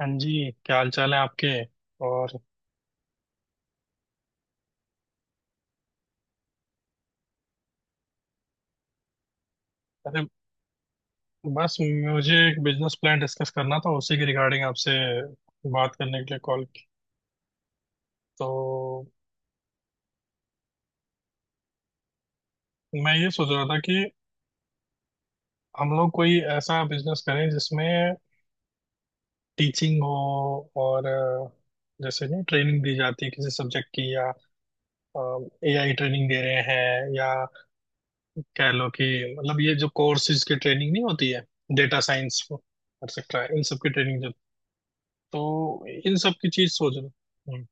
हाँ जी, क्या हाल चाल है आपके। और, अरे, बस मुझे एक बिजनेस प्लान डिस्कस करना था, उसी के रिगार्डिंग आपसे बात करने के लिए कॉल की। तो मैं ये सोच रहा था कि हम लोग कोई ऐसा बिजनेस करें जिसमें टीचिंग हो, और जैसे नहीं ट्रेनिंग दी जाती है किसी सब्जेक्ट की, या एआई ट्रेनिंग दे रहे हैं, या कह लो कि, मतलब ये जो कोर्सेज की ट्रेनिंग नहीं होती है, डेटा साइंस एक्सेट्रा, इन सब की ट्रेनिंग जो, तो इन सब की चीज सोच रहा हूँ।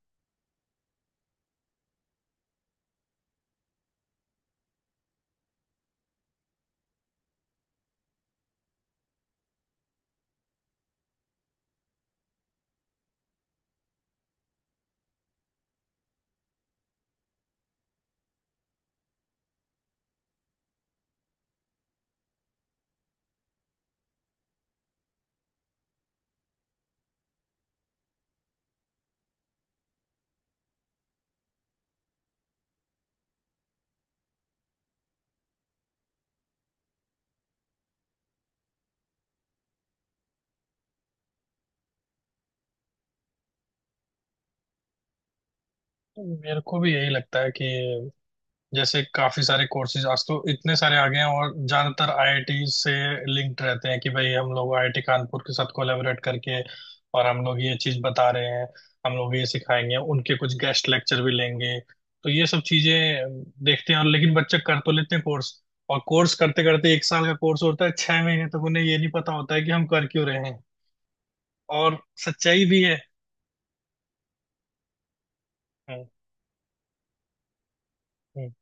मेरे को भी यही लगता है कि जैसे काफी सारे कोर्सेज आज तो इतने सारे आ गए हैं, और ज्यादातर आईआईटी से लिंक्ड रहते हैं कि भाई हम लोग आईआईटी कानपुर के साथ कोलैबोरेट करके, और हम लोग ये चीज बता रहे हैं, हम लोग ये सिखाएंगे, उनके कुछ गेस्ट लेक्चर भी लेंगे। तो ये सब चीजें देखते हैं, और लेकिन बच्चे कर तो लेते हैं कोर्स, और कोर्स करते करते 1 साल का कोर्स होता है, 6 महीने तक उन्हें ये नहीं पता होता है कि हम कर क्यों रहे हैं। और सच्चाई भी है। हम्म, हम्म।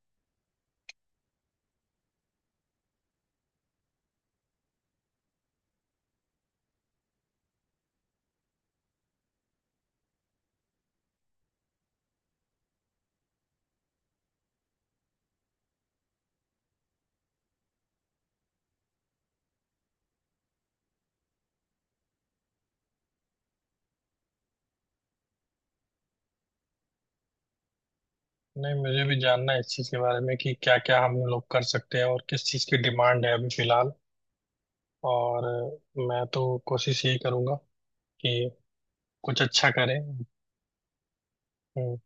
नहीं, मुझे भी जानना है इस चीज़ के बारे में कि क्या क्या हम लोग कर सकते हैं, और किस चीज़ की डिमांड है अभी फिलहाल, और मैं तो कोशिश यही करूंगा कि कुछ अच्छा करें। हम्म,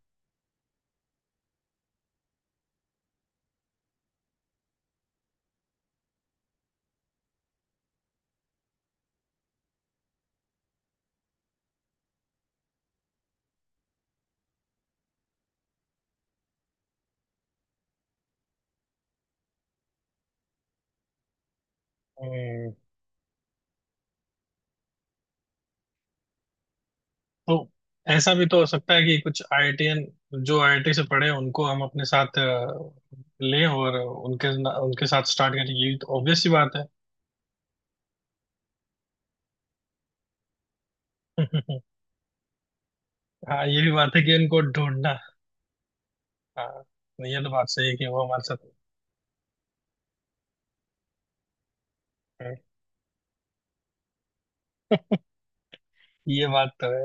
हम्म, तो ऐसा भी तो हो सकता है कि कुछ आईआईटीएन जो आईआईटी से पढ़े हैं, उनको हम अपने साथ लें, और उनके उनके साथ स्टार्ट करें। ये तो ऑब्वियस सी बात है। हाँ, ये भी बात है कि उनको ढूंढना। हाँ, ये तो बात सही है कि वो हमारे साथ हैं। ये बात तो है।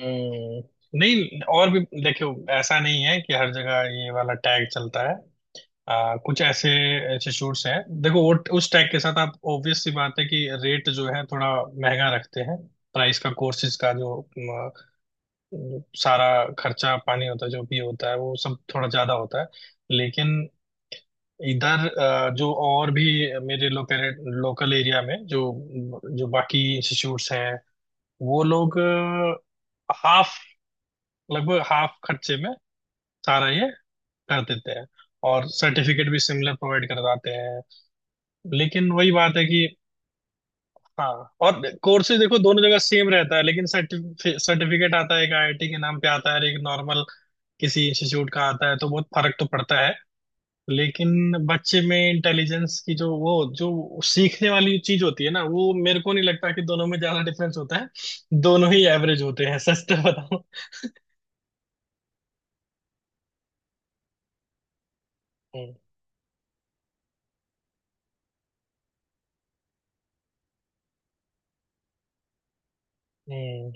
हम्म। नहीं, और भी देखियो, ऐसा नहीं है कि हर जगह ये वाला टैग चलता है। कुछ ऐसे इंस्टीट्यूट्स हैं, देखो वो उस टैग के साथ आप ऑब्वियस सी बात है कि रेट जो है थोड़ा महंगा रखते हैं, प्राइस का, कोर्सेज का, जो सारा खर्चा पानी होता है, जो भी होता है, वो सब थोड़ा ज्यादा होता है। लेकिन इधर जो और भी मेरे लोकल लोकल एरिया में जो जो बाकी इंस्टीट्यूट्स हैं, वो लोग हाफ लगभग हाफ खर्चे में सारा ये कर देते हैं, और सर्टिफिकेट भी सिमिलर प्रोवाइड करवाते हैं। लेकिन वही बात है कि, हाँ, और कोर्सेज देखो दोनों जगह सेम रहता है, लेकिन सर्टिफिकेट आता है, एक आईआईटी के नाम पे आता है और एक नॉर्मल किसी इंस्टीट्यूट का आता है, तो बहुत फर्क तो पड़ता है। लेकिन बच्चे में इंटेलिजेंस की जो वो जो सीखने वाली चीज होती है ना, वो मेरे को नहीं लगता कि दोनों में ज्यादा डिफरेंस होता है, दोनों ही एवरेज होते हैं, सच तो बताऊं। हम्म, हम्म,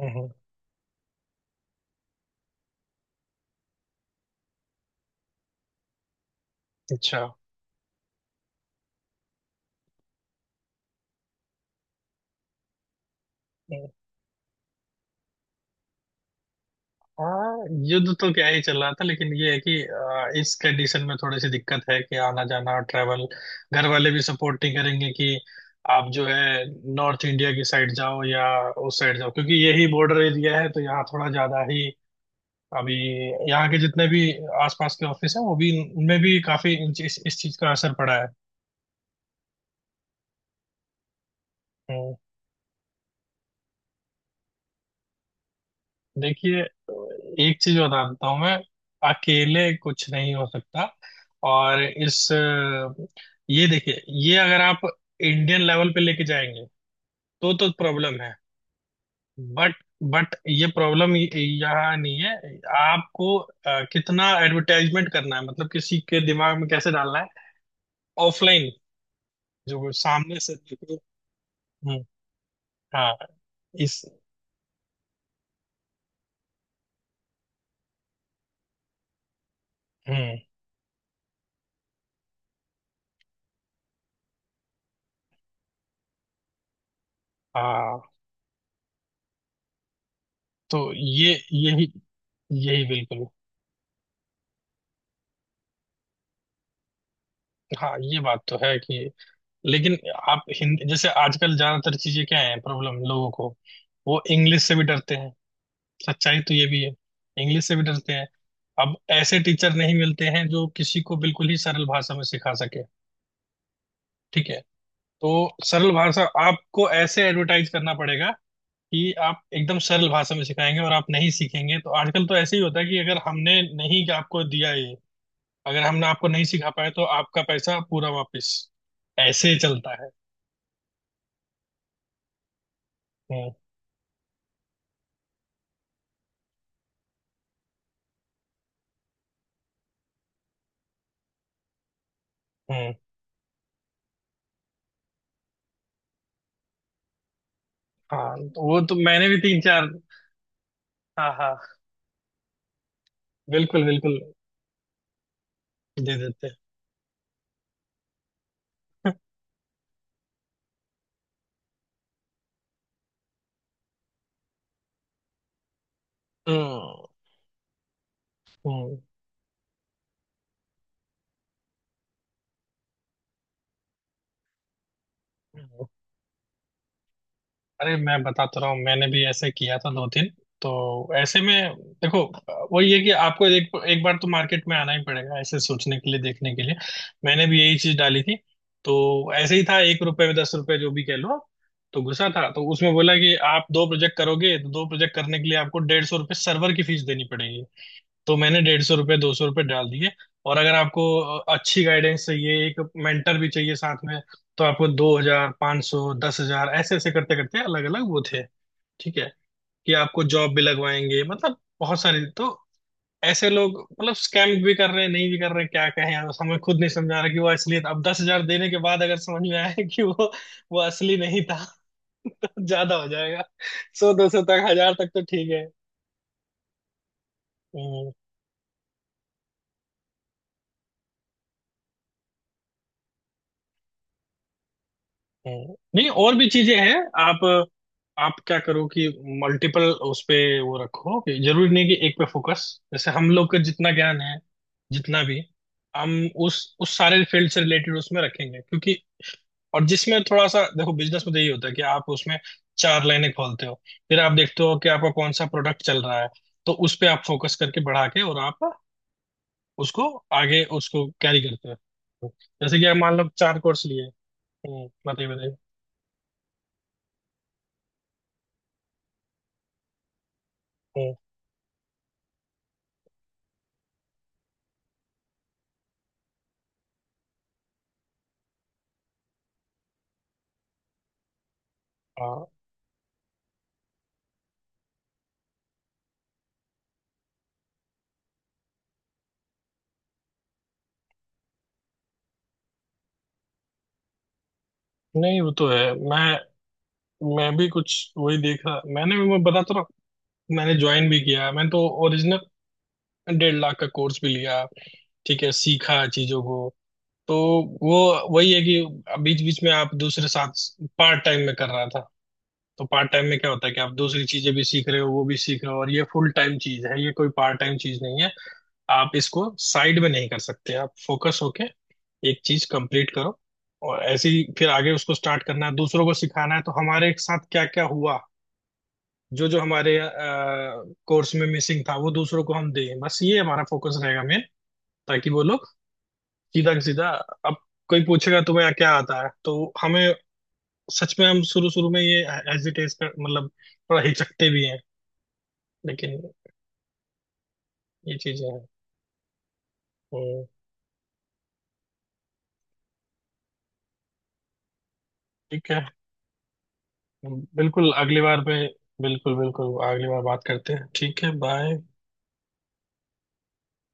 हम्म, अच्छा। हाँ, युद्ध तो क्या ही चल रहा था, लेकिन ये है कि इस कंडीशन में थोड़ी सी दिक्कत है कि आना जाना ट्रैवल, घर वाले भी सपोर्ट नहीं करेंगे कि आप जो है नॉर्थ इंडिया की साइड जाओ या उस साइड जाओ, क्योंकि यही बॉर्डर एरिया है, तो यहाँ थोड़ा ज्यादा ही अभी, यहाँ के जितने भी आसपास के ऑफिस हैं वो भी, उनमें भी काफी इस चीज का असर पड़ा है। हम्म। देखिए, एक चीज बताता हूँ मैं, अकेले कुछ नहीं हो सकता। और ये देखिए, ये अगर आप इंडियन लेवल पे लेके जाएंगे तो प्रॉब्लम है। बट बट ये प्रॉब्लम यहाँ नहीं है। आपको कितना एडवर्टाइजमेंट करना है, मतलब किसी के दिमाग में कैसे डालना है, ऑफलाइन जो वो सामने से देखे। हम्म, हाँ, इस, हम्म, हाँ, तो ये यही, यही बिल्कुल। हाँ, ये बात तो है कि, लेकिन आप हिंदी जैसे आजकल ज्यादातर चीजें क्या है प्रॉब्लम लोगों को, वो इंग्लिश से भी डरते हैं, सच्चाई तो ये भी है। इंग्लिश से भी डरते हैं। अब ऐसे टीचर नहीं मिलते हैं जो किसी को बिल्कुल ही सरल भाषा में सिखा सके। ठीक है, तो सरल भाषा आपको ऐसे एडवर्टाइज करना पड़ेगा कि आप एकदम सरल भाषा में सिखाएंगे, और आप नहीं सीखेंगे तो आजकल तो ऐसे ही होता है कि अगर हमने नहीं आपको दिया ये, अगर हमने आपको नहीं सिखा पाए तो आपका पैसा पूरा वापस। ऐसे चलता है। हम्म, हम्म, हाँ, तो वो तो मैंने भी तीन चार, हाँ हाँ, बिल्कुल बिल्कुल, दे देते हैं। हम्म, हम्म। अरे, मैं बताता रहा हूँ, मैंने भी ऐसे किया था दो तीन। तो ऐसे में देखो, वही है कि आपको एक एक बार तो मार्केट में आना ही पड़ेगा, ऐसे सोचने के लिए, देखने के लिए। मैंने भी यही चीज डाली थी। तो ऐसे ही था, 1 रुपए में 10 रुपए जो भी कह लो आप, तो घुसा था, तो उसमें बोला कि आप दो प्रोजेक्ट करोगे तो दो प्रोजेक्ट करने के लिए आपको डेढ़ सौ रुपये सर्वर की फीस देनी पड़ेगी। तो मैंने 150 रुपये, 200 रुपये डाल दिए। और अगर आपको अच्छी गाइडेंस चाहिए, एक मेंटर भी चाहिए साथ में, तो आपको 2,000, 500, 10,000, ऐसे ऐसे करते करते अलग अलग वो थे। ठीक है कि आपको जॉब भी लगवाएंगे, मतलब बहुत सारी, तो ऐसे लोग मतलब स्कैम भी कर रहे हैं, नहीं भी कर रहे हैं, क्या कहें, अब हमें खुद नहीं समझा रहा कि वो असली। अब 10,000 देने के बाद अगर समझ में आया कि वो असली नहीं था तो ज्यादा हो जाएगा। सौ दो सौ तक, हजार तक तो ठीक है। हम्म। हम्म। नहीं, और भी चीजें हैं। आप आप क्या करो कि, मल्टीपल उस पे वो रखो, कि जरूरी नहीं कि एक पे फोकस। जैसे हम लोग का जितना ज्ञान है, जितना भी हम उस सारे फील्ड से रिलेटेड उसमें रखेंगे, क्योंकि, और जिसमें थोड़ा सा देखो बिजनेस में तो यही होता है कि आप उसमें चार लाइनें खोलते हो, फिर आप देखते हो कि आपका कौन सा प्रोडक्ट चल रहा है, तो उस पे आप फोकस करके बढ़ा के, और आप उसको आगे उसको कैरी करते हो। जैसे कि आप मान लो चार कोर्स लिए। हम्म, बताइए बताइए। हम्म, हाँ, नहीं वो तो है, मैं भी कुछ वही देखा मैंने, मैं बता तो रहा हूँ, मैंने ज्वाइन भी किया, मैंने तो ओरिजिनल 1.5 लाख का कोर्स भी लिया, ठीक है, सीखा चीजों को। तो वो, वही है कि बीच बीच में आप दूसरे साथ पार्ट टाइम में कर रहा था, तो पार्ट टाइम में क्या होता है कि आप दूसरी चीजें भी सीख रहे हो, वो भी सीख रहे हो, और ये फुल टाइम चीज है, ये कोई पार्ट टाइम चीज नहीं है। आप इसको साइड में नहीं कर सकते, आप फोकस होके एक चीज कंप्लीट करो। और ऐसे ही फिर आगे उसको स्टार्ट करना है, दूसरों को सिखाना है। तो हमारे साथ क्या क्या हुआ, जो जो हमारे कोर्स में मिसिंग था, वो दूसरों को हम दें, बस ये हमारा फोकस रहेगा मेन, ताकि वो लोग सीधा सीधा, अब कोई पूछेगा तुम्हें क्या आता है तो, हमें, सच में हम शुरू शुरू में ये हेजिटेट कर मतलब, थोड़ा हिचकते भी हैं, लेकिन ये चीजें हैं तो। ठीक है, बिल्कुल अगली बार में, बिल्कुल बिल्कुल अगली बार बात करते हैं। ठीक है, बाय।